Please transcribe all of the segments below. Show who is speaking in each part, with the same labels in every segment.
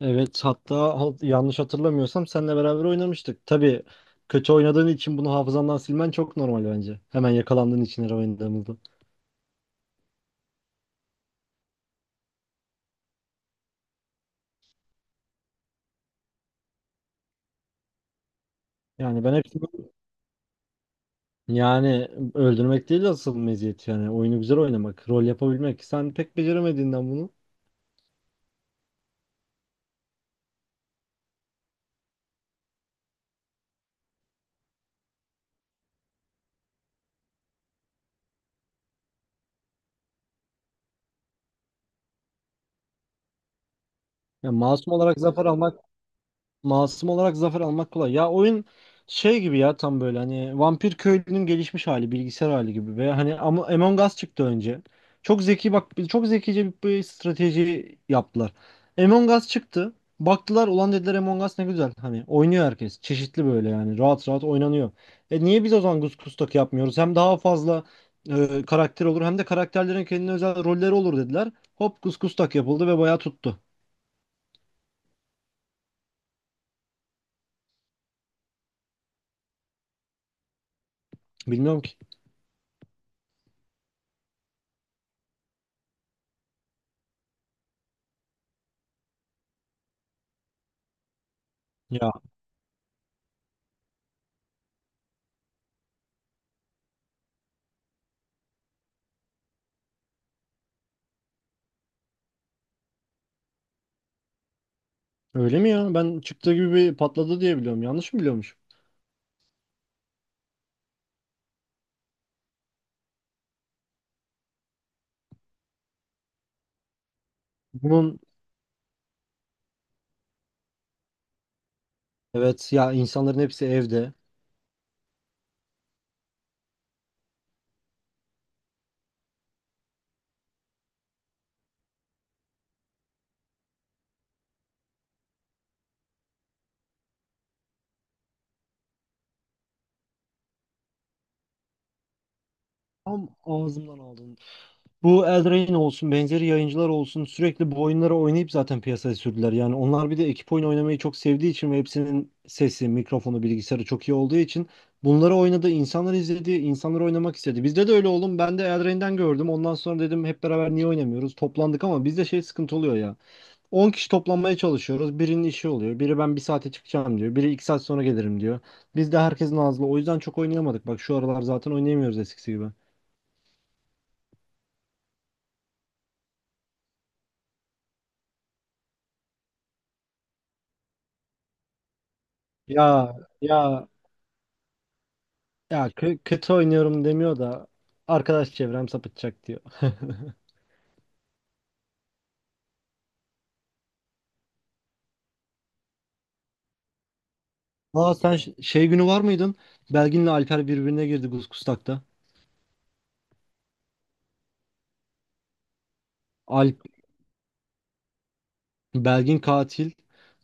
Speaker 1: Evet hatta yanlış hatırlamıyorsam seninle beraber oynamıştık. Tabii kötü oynadığın için bunu hafızandan silmen çok normal bence. Hemen yakalandığın için her oynadığımızda. Yani ben hepsini, yani öldürmek değil de asıl meziyet yani oyunu güzel oynamak, rol yapabilmek. Sen pek beceremediğinden bunu. Yani masum olarak zafer almak. Masum olarak zafer almak kolay. Ya oyun şey gibi, ya tam böyle hani Vampir Köylü'nün gelişmiş hali, bilgisayar hali gibi ve hani Among Us çıktı önce. Çok zeki bak, çok zekice bir strateji yaptılar. Among Us çıktı. Baktılar ulan dediler, Among Us ne güzel. Hani oynuyor herkes. Çeşitli böyle yani rahat rahat oynanıyor. E niye biz o zaman Kustak yapmıyoruz? Hem daha fazla karakter olur, hem de karakterlerin kendine özel rolleri olur dediler. Hop Kustak yapıldı ve bayağı tuttu. Bilmiyorum ki. Öyle mi ya? Ben çıktığı gibi bir patladı diye biliyorum. Yanlış mı biliyormuş? Bunun evet ya, insanların hepsi evde. Tam ağzımdan aldın. Bu Eldrain olsun, benzeri yayıncılar olsun sürekli bu oyunları oynayıp zaten piyasaya sürdüler. Yani onlar bir de ekip oyun oynamayı çok sevdiği için ve hepsinin sesi, mikrofonu, bilgisayarı çok iyi olduğu için bunları oynadı, insanlar izledi, insanlar oynamak istedi. Bizde de öyle oğlum. Ben de Eldrain'den gördüm. Ondan sonra dedim hep beraber niye oynamıyoruz? Toplandık ama bizde şey sıkıntı oluyor ya. 10 kişi toplanmaya çalışıyoruz. Birinin işi oluyor. Biri ben bir saate çıkacağım diyor. Biri 2 saat sonra gelirim diyor. Biz de herkesin ağzı. O yüzden çok oynayamadık. Bak şu aralar zaten oynayamıyoruz eskisi gibi. Ya ya ya kötü oynuyorum demiyor da arkadaş çevrem sapıtacak diyor. Aa, sen şey günü var mıydın? Belgin'le Alper birbirine girdi Kuskustak'ta. Alp Belgin katil.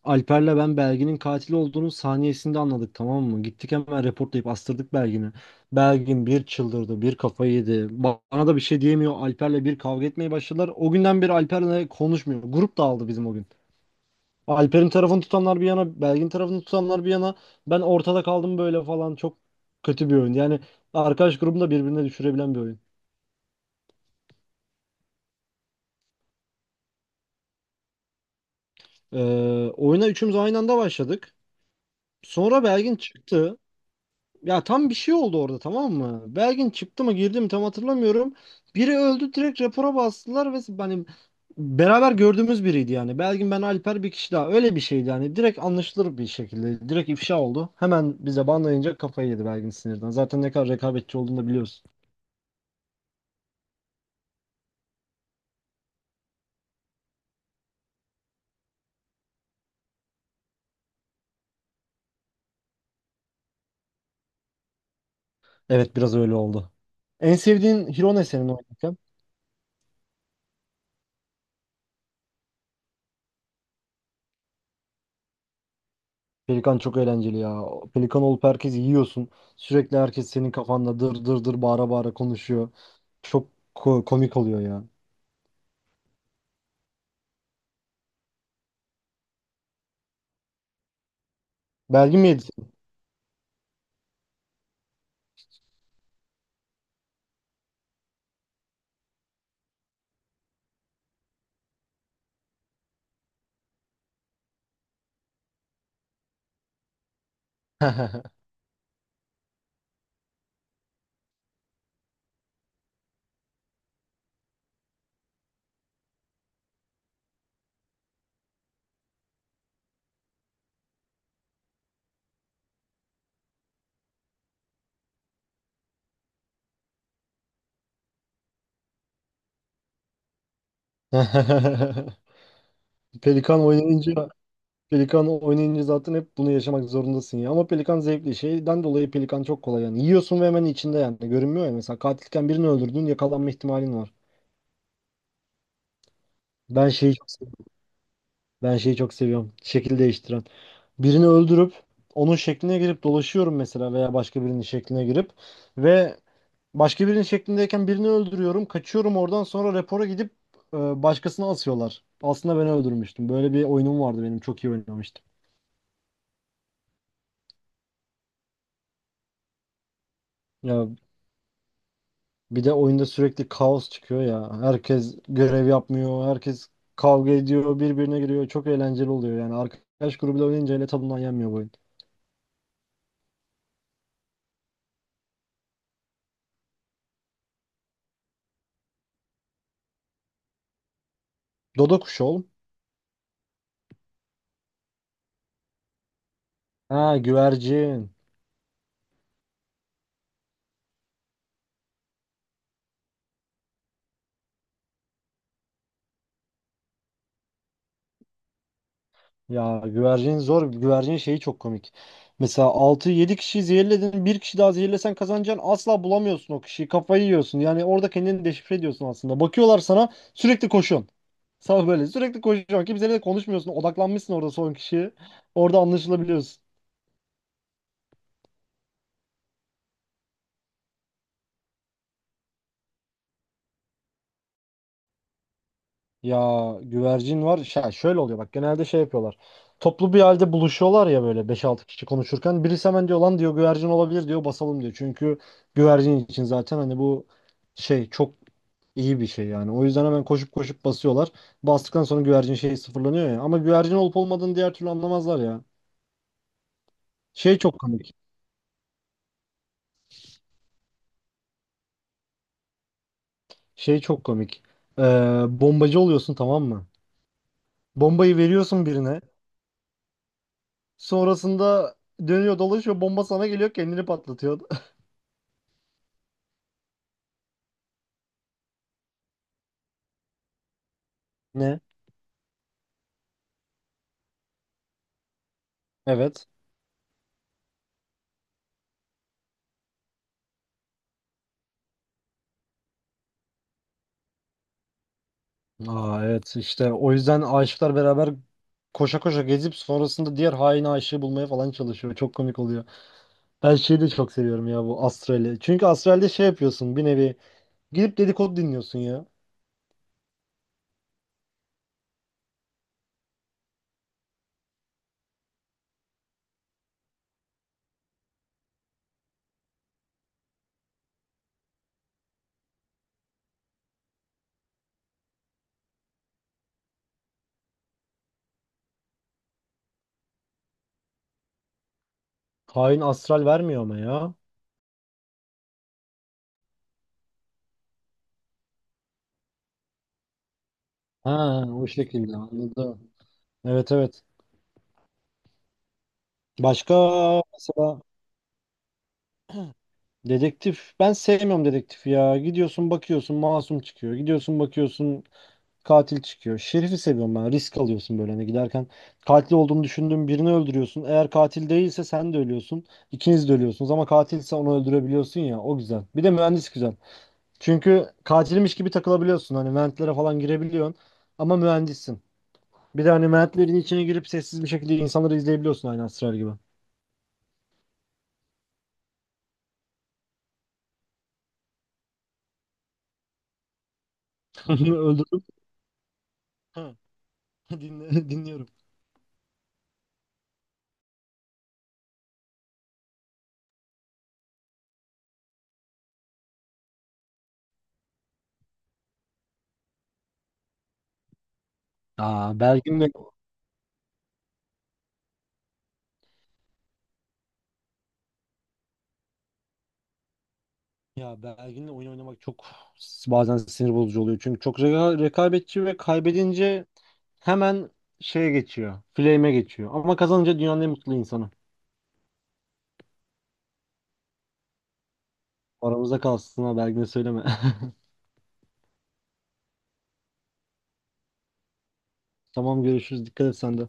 Speaker 1: Alper'le ben Belgin'in katil olduğunu saniyesinde anladık tamam mı? Gittik hemen reportlayıp astırdık Belgin'i. Belgin bir çıldırdı, bir kafayı yedi. Bana da bir şey diyemiyor. Alper'le bir kavga etmeye başladılar. O günden beri Alper'le konuşmuyor. Grup dağıldı bizim o gün. Alper'in tarafını tutanlar bir yana, Belgin tarafını tutanlar bir yana. Ben ortada kaldım böyle falan. Çok kötü bir oyun. Yani arkadaş grubunu da birbirine düşürebilen bir oyun. Oyuna üçümüz aynı anda başladık. Sonra Belgin çıktı. Ya tam bir şey oldu orada tamam mı? Belgin çıktı mı girdi mi tam hatırlamıyorum. Biri öldü, direkt rapora bastılar ve hani beraber gördüğümüz biriydi yani. Belgin, ben, Alper, bir kişi daha, öyle bir şeydi yani. Direkt anlaşılır bir şekilde. Direkt ifşa oldu. Hemen bize banlayınca kafayı yedi Belgin sinirden. Zaten ne kadar rekabetçi olduğunu da biliyoruz. Evet, biraz öyle oldu. En sevdiğin hero ne senin oynarken? Pelikan çok eğlenceli ya. Pelikan olup herkesi yiyorsun. Sürekli herkes senin kafanda dır dır dır bağıra bağıra konuşuyor. Çok komik oluyor ya. Belgi mi yedi? Pelikan oynayınca Pelikan oynayınca zaten hep bunu yaşamak zorundasın ya. Ama Pelikan zevkli. Şeyden dolayı Pelikan çok kolay yani. Yiyorsun ve hemen içinde yani. Görünmüyor ya. Mesela katilken birini öldürdün, yakalanma ihtimalin var. Ben şeyi çok Ben şeyi çok seviyorum. Şekil değiştiren. Birini öldürüp onun şekline girip dolaşıyorum mesela, veya başka birinin şekline girip ve başka birinin şeklindeyken birini öldürüyorum. Kaçıyorum oradan, sonra rapora gidip e, başkasına asıyorlar. Aslında ben öldürmüştüm. Böyle bir oyunum vardı benim. Çok iyi oynamıştım. Ya bir de oyunda sürekli kaos çıkıyor ya. Herkes görev yapmıyor. Herkes kavga ediyor. Birbirine giriyor. Çok eğlenceli oluyor yani. Arkadaş grubuyla oynayınca hele tadından yenmiyor bu oyun. Dodo kuşu oğlum. Ha, güvercin. Ya güvercin zor. Güvercin şeyi çok komik. Mesela altı yedi kişiyi zehirledin. Bir kişi daha zehirlesen kazanacaksın. Asla bulamıyorsun o kişiyi. Kafayı yiyorsun. Yani orada kendini deşifre ediyorsun aslında. Bakıyorlar sana, sürekli koşuyorsun. Sana böyle sürekli koşuyorsun. Kimseyle de konuşmuyorsun. Odaklanmışsın orada son kişiye. Orada anlaşılabiliyorsun. Ya güvercin var. Şey, şöyle oluyor bak. Genelde şey yapıyorlar. Toplu bir halde buluşuyorlar ya, böyle beş altı kişi konuşurken. Birisi hemen diyor lan diyor, güvercin olabilir diyor, basalım diyor. Çünkü güvercin için zaten hani bu şey çok İyi bir şey yani. O yüzden hemen koşup koşup basıyorlar. Bastıktan sonra güvercin şey sıfırlanıyor ya. Ama güvercin olup olmadığını diğer türlü anlamazlar ya. Şey çok komik. Şey çok komik. Ee, Bombacı oluyorsun tamam mı? Bombayı veriyorsun birine. Sonrasında dönüyor dolaşıyor. Bomba sana geliyor, kendini patlatıyor. Ne? Evet. Aa evet, işte o yüzden aşıklar beraber koşa koşa gezip sonrasında diğer hain aşığı bulmaya falan çalışıyor. Çok komik oluyor. Ben şeyi de çok seviyorum ya, bu Astral'i. Çünkü Astral'de şey yapıyorsun bir nevi. Gidip dedikodu dinliyorsun ya. Hain astral vermiyor ama ya. Ha, o şekilde anladım. Evet, evet. Başka, mesela dedektif. Ben sevmiyorum dedektif ya. Gidiyorsun bakıyorsun masum çıkıyor. Gidiyorsun bakıyorsun katil çıkıyor. Şerifi seviyorum ben. Risk alıyorsun böyle hani giderken. Katil olduğunu düşündüğün birini öldürüyorsun. Eğer katil değilse sen de ölüyorsun. İkiniz de ölüyorsunuz, ama katilse onu öldürebiliyorsun ya. O güzel. Bir de mühendis güzel. Çünkü katilmiş gibi takılabiliyorsun. Hani ventlere falan girebiliyorsun. Ama mühendissin. Bir de hani mertlerin içine girip sessiz bir şekilde insanları izleyebiliyorsun, aynı Astral gibi. Öldürdüm. Ha, dinliyorum. Aa, Belgin'le Ya Belgin'le oyun oynamak çok bazen sinir bozucu oluyor. Çünkü çok rekabetçi ve kaybedince hemen şeye geçiyor. Flame'e geçiyor. Ama kazanınca dünyanın en mutlu insanı. Aramızda kalsın ha, Belgin'e söyleme. Tamam, görüşürüz. Dikkat et sen de.